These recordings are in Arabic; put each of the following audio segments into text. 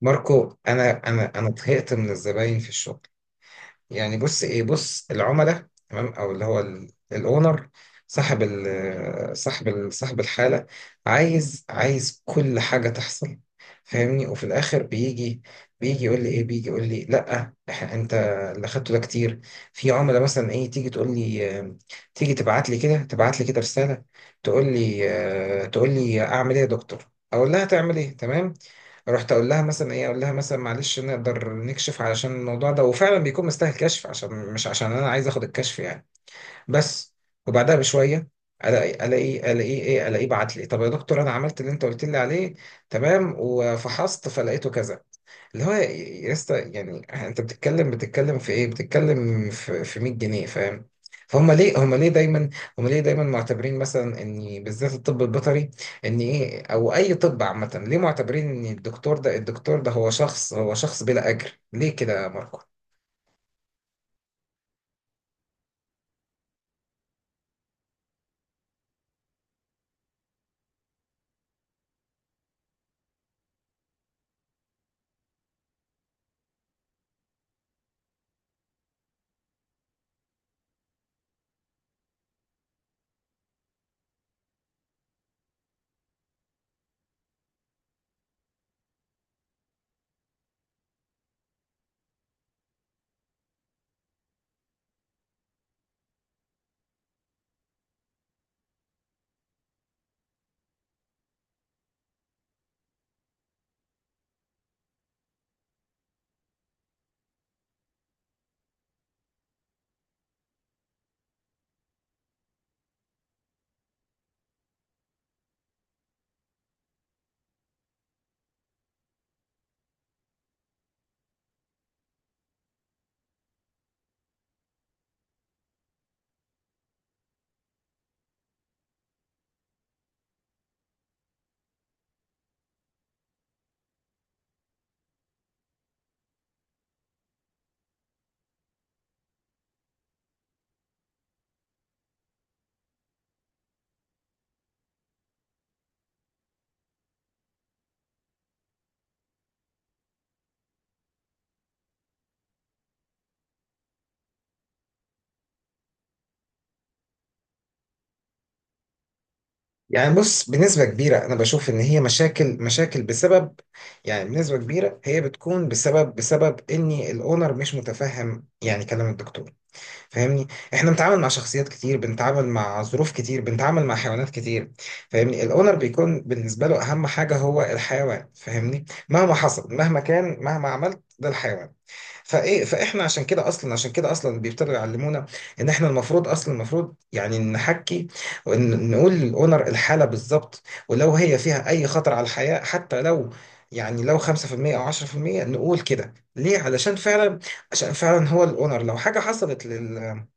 ماركو، انا طهقت من الزباين في الشغل. يعني بص، ايه، بص، العملاء، تمام، او اللي هو الاونر، صاحب الحاله عايز كل حاجه تحصل، فاهمني؟ وفي الاخر بيجي يقول لي ايه، بيجي يقول لي لا، انت اللي خدته ده كتير. في عملاء مثلا ايه، تيجي تقول لي تيجي تبعت لي كده رساله، تقول لي تقول لي اعمل ايه يا دكتور، اقول لها تعمل ايه، تمام. رحت اقول لها مثلا معلش نقدر نكشف علشان الموضوع ده، وفعلا بيكون مستاهل كشف، عشان مش عشان انا عايز اخد الكشف يعني. بس، وبعدها بشويه الاقي، الاقي الاقي ايه الاقي بعت لي، طب يا دكتور انا عملت اللي انت قلت لي عليه، تمام، وفحصت فلقيته كذا، اللي هو يا يا اسطى، يعني انت بتتكلم في 100 جنيه، فاهم؟ فهم ليه هم ليه دايما هم ليه دايما معتبرين مثلا ان بالذات الطب البيطري، ان ايه، او اي طب عامه، ليه معتبرين ان الدكتور ده هو شخص بلا اجر؟ ليه كده يا ماركو؟ يعني بص، بنسبة كبيرة أنا بشوف إن هي مشاكل بسبب، يعني بنسبة كبيرة هي بتكون بسبب إن الأونر مش متفهم يعني كلام الدكتور، فاهمني؟ احنا بنتعامل مع شخصيات كتير، بنتعامل مع ظروف كتير، بنتعامل مع حيوانات كتير، فاهمني؟ الاونر بيكون بالنسبه له اهم حاجه هو الحيوان، فاهمني؟ مهما حصل، مهما كان، مهما عملت، ده الحيوان. فايه، فاحنا عشان كده اصلا، بيبتدوا يعلمونا ان احنا المفروض اصلا، يعني نحكي ونقول للاونر الحاله بالظبط، ولو هي فيها اي خطر على الحياه، حتى لو يعني لو 5% او 10%، نقول كده. ليه؟ علشان فعلا، عشان فعلا هو الاونر لو حاجه حصلت لل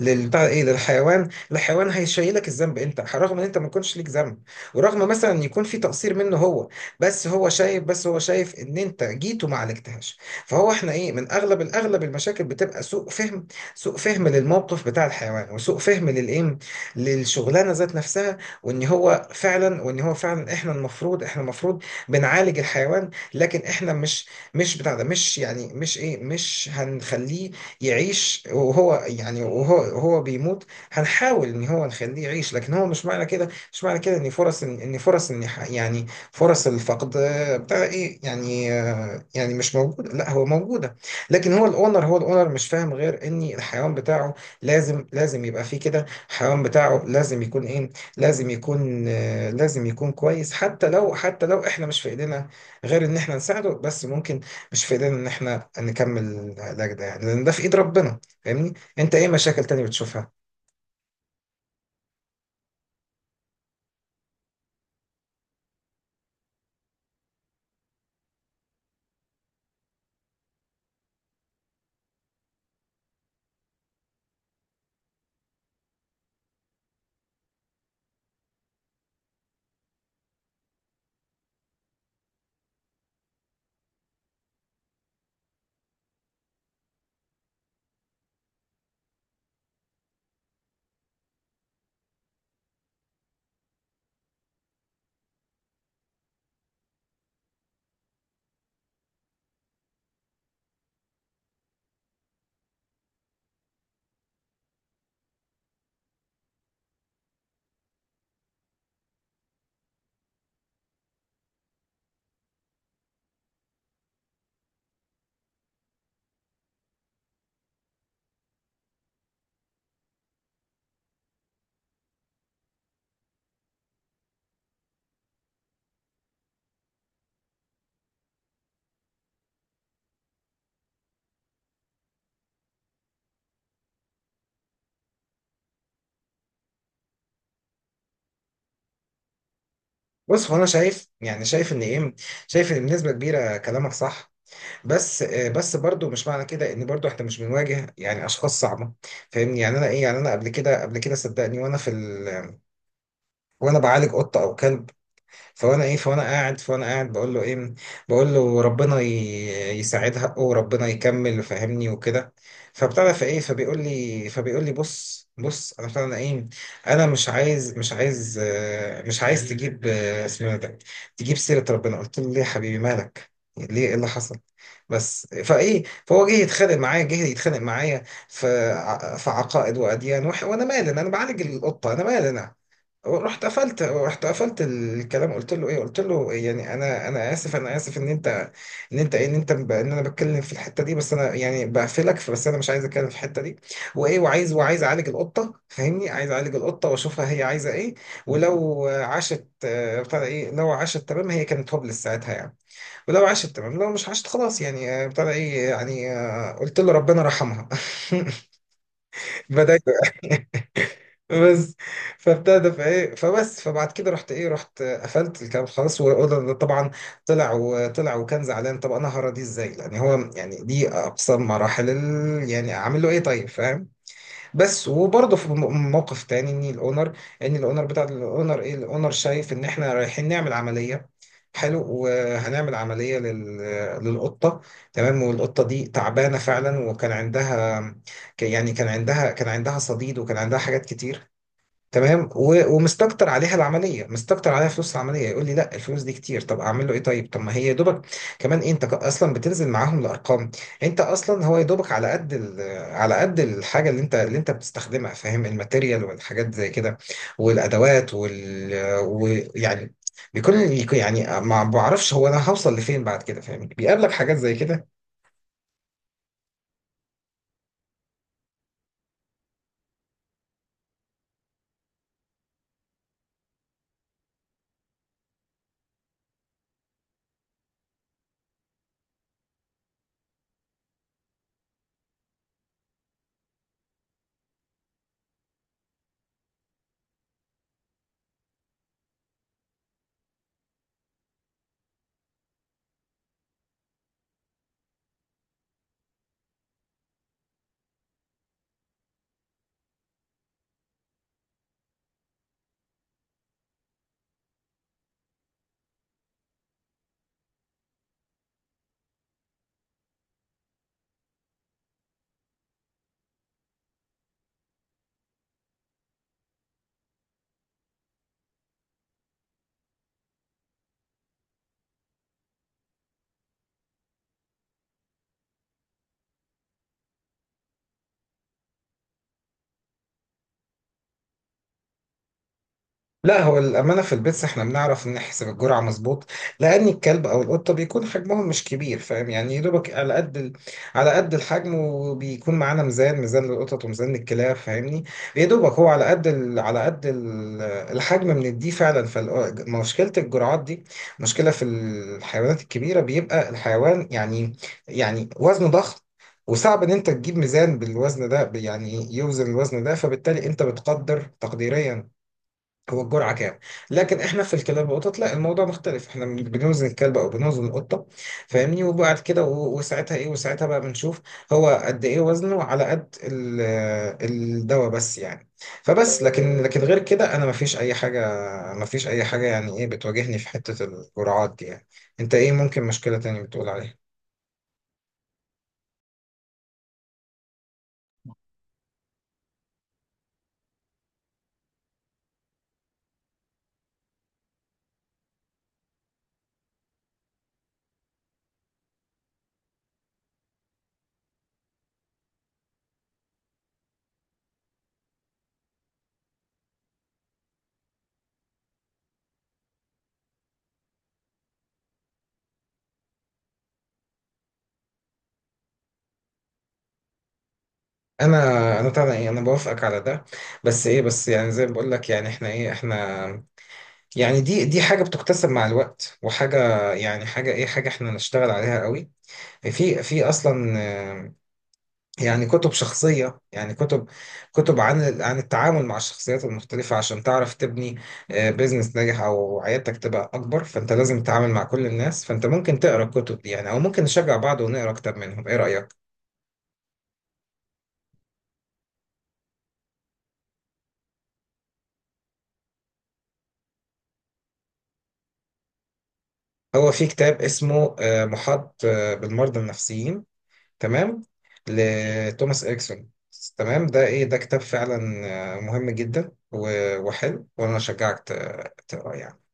لل- بتاع ايه للحيوان، الحيوان هيشيلك الذنب انت، رغم ان انت ما كنتش ليك ذنب، ورغم مثلا إن يكون في تقصير منه هو. بس هو شايف، ان انت جيت وما عالجتهاش. فهو، احنا ايه، من اغلب المشاكل بتبقى سوء فهم، للموقف بتاع الحيوان، وسوء فهم للايه، للشغلانه ذات نفسها. وان هو فعلا، احنا المفروض، بنعالج الحيوان، لكن احنا مش، مش بتاع ده مش يعني مش ايه مش هنخليه يعيش وهو، يعني وهو هو بيموت. هنحاول ان هو نخليه يعيش، لكن هو مش معنى كده، ان فرص ان، إن فرص ان ح- يعني فرص الفقد آه، بتاع ايه يعني آه، يعني مش موجوده، لا هو موجوده، لكن هو الاونر، مش فاهم غير ان الحيوان بتاعه لازم يبقى فيه كده، الحيوان بتاعه لازم يكون ايه، لازم يكون لازم يكون كويس، حتى لو، احنا مش في ايدينا غير ان احنا نساعده، بس ممكن مش في ايدينا ان احنا نكمل العلاج ده يعني، لان ده في ايد ربنا، فاهمني؟ انت ايه مشاكل تانية بتشوفها؟ بص، هو انا شايف يعني، شايف ان ايه، شايف ان بنسبه كبيره كلامك صح، بس برضو مش معنى كده ان برضو احنا مش بنواجه يعني اشخاص صعبه، فاهمني؟ يعني انا ايه، يعني انا قبل كده صدقني، وانا في ال... وانا بعالج قطه او كلب، فانا ايه، فانا قاعد بقول له ربنا يساعد حقه وربنا يكمل، فاهمني؟ وكده، فابتدى، فايه، فبيقول لي بص، انا فعلا ايه، انا مش عايز تجيب اسمه إيه ده، تجيب سيرة ربنا. قلت له ليه يا حبيبي، مالك، ليه، ايه اللي حصل؟ بس فايه، فهو جه يتخانق معايا، في عقائد واديان، وانا مالي انا بعالج القطه، انا مالي انا. رحت قفلت الكلام، قلت له يعني انا اسف ان انت، ان انت ايه ان انت ب- ان انا بتكلم في الحته دي، بس انا يعني بقفلك، بس انا مش عايز اتكلم في الحته دي، وايه وعايز وعايز اعالج القطه، فاهمني؟ عايز اعالج القطه واشوفها هي عايزه ايه، ولو عاشت، آه، بتاع ده ايه لو عاشت تمام، هي كانت هوبلس ساعتها يعني، ولو عاشت تمام، لو مش عاشت خلاص يعني، آه، بتاع ده ايه يعني آه، قلت له ربنا رحمها. بدأت. بس، فابتدى، فايه، فبس، فبعد كده رحت ايه، قفلت الكلام خلاص. وده طبعا طلع، وكان زعلان. طب انا هرى دي ازاي يعني؟ هو يعني دي اقصى مراحل ال... يعني اعمل له ايه طيب، فاهم؟ بس، وبرضه في موقف تاني ان الاونر، ان الاونر بتاع الاونر ايه الاونر شايف ان احنا رايحين نعمل عمليه، حلو، وهنعمل عمليه لل... للقطه، تمام. والقطه دي تعبانه فعلا، وكان عندها كان عندها صديد وكان عندها حاجات كتير، تمام. ومستكتر عليها العمليه، مستكتر عليها فلوس العمليه. يقول لي لا، الفلوس دي كتير. طب اعمل له ايه طيب؟ طب ما هي يا دوبك كمان، إيه، انت اصلا بتنزل معاهم الارقام، انت اصلا هو يا دوبك على قد ال-، على قد الحاجه اللي انت، بتستخدمها، فاهم؟ الماتيريال والحاجات زي كده، والادوات وال، ويعني بيكون، يعني ما بعرفش هو انا هوصل لفين بعد كده، فاهم؟ بيقابلك حاجات زي كده؟ لا، هو الأمانة في البيتس احنا بنعرف نحسب الجرعة مظبوط، لأن الكلب أو القطة بيكون حجمهم مش كبير، فاهم يعني يا دوبك على قد ال... على قد الحجم. وبيكون معانا ميزان، للقطط وميزان للكلاب، فاهمني؟ يا دوبك هو على قد ال... على قد ال... الحجم بنديه فعلا. فمشكلة الجرعات دي، مشكلة في الحيوانات الكبيرة، بيبقى الحيوان يعني، وزنه ضخم، وصعب ان انت تجيب ميزان بالوزن ده يعني يوزن الوزن ده، فبالتالي انت بتقدر تقديريا هو الجرعة كام. لكن احنا في الكلاب والقطط لا، الموضوع مختلف، احنا بنوزن الكلب او بنوزن القطة، فاهمني؟ وبعد كده وساعتها ايه، بقى بنشوف هو قد ايه وزنه على قد ال- الدواء، بس يعني. فبس، لكن، غير كده انا مفيش اي حاجة، يعني ايه بتواجهني في حتة الجرعات دي يعني. انت ايه ممكن مشكلة تانية بتقول عليها؟ انا طبعا ايه، انا بوافقك على ده، بس ايه، بس يعني زي ما بقول لك، يعني احنا ايه، احنا يعني دي، حاجة بتكتسب مع الوقت، وحاجة يعني حاجة ايه، حاجة احنا نشتغل عليها قوي في اصلا. آه، يعني كتب شخصية، يعني كتب عن ال-، عن التعامل مع الشخصيات المختلفة، عشان تعرف تبني بيزنس ناجح او عيادتك تبقى اكبر. فانت لازم تتعامل مع كل الناس، فانت ممكن تقرا الكتب دي يعني، او ممكن نشجع بعض ونقرا كتاب منهم، ايه رأيك؟ هو في كتاب اسمه محاط بالمرضى النفسيين، تمام، لتوماس إريكسون. تمام، ده إيه، ده كتاب فعلا مهم جدا وحلو، وأنا أشجعك تقراه يعني.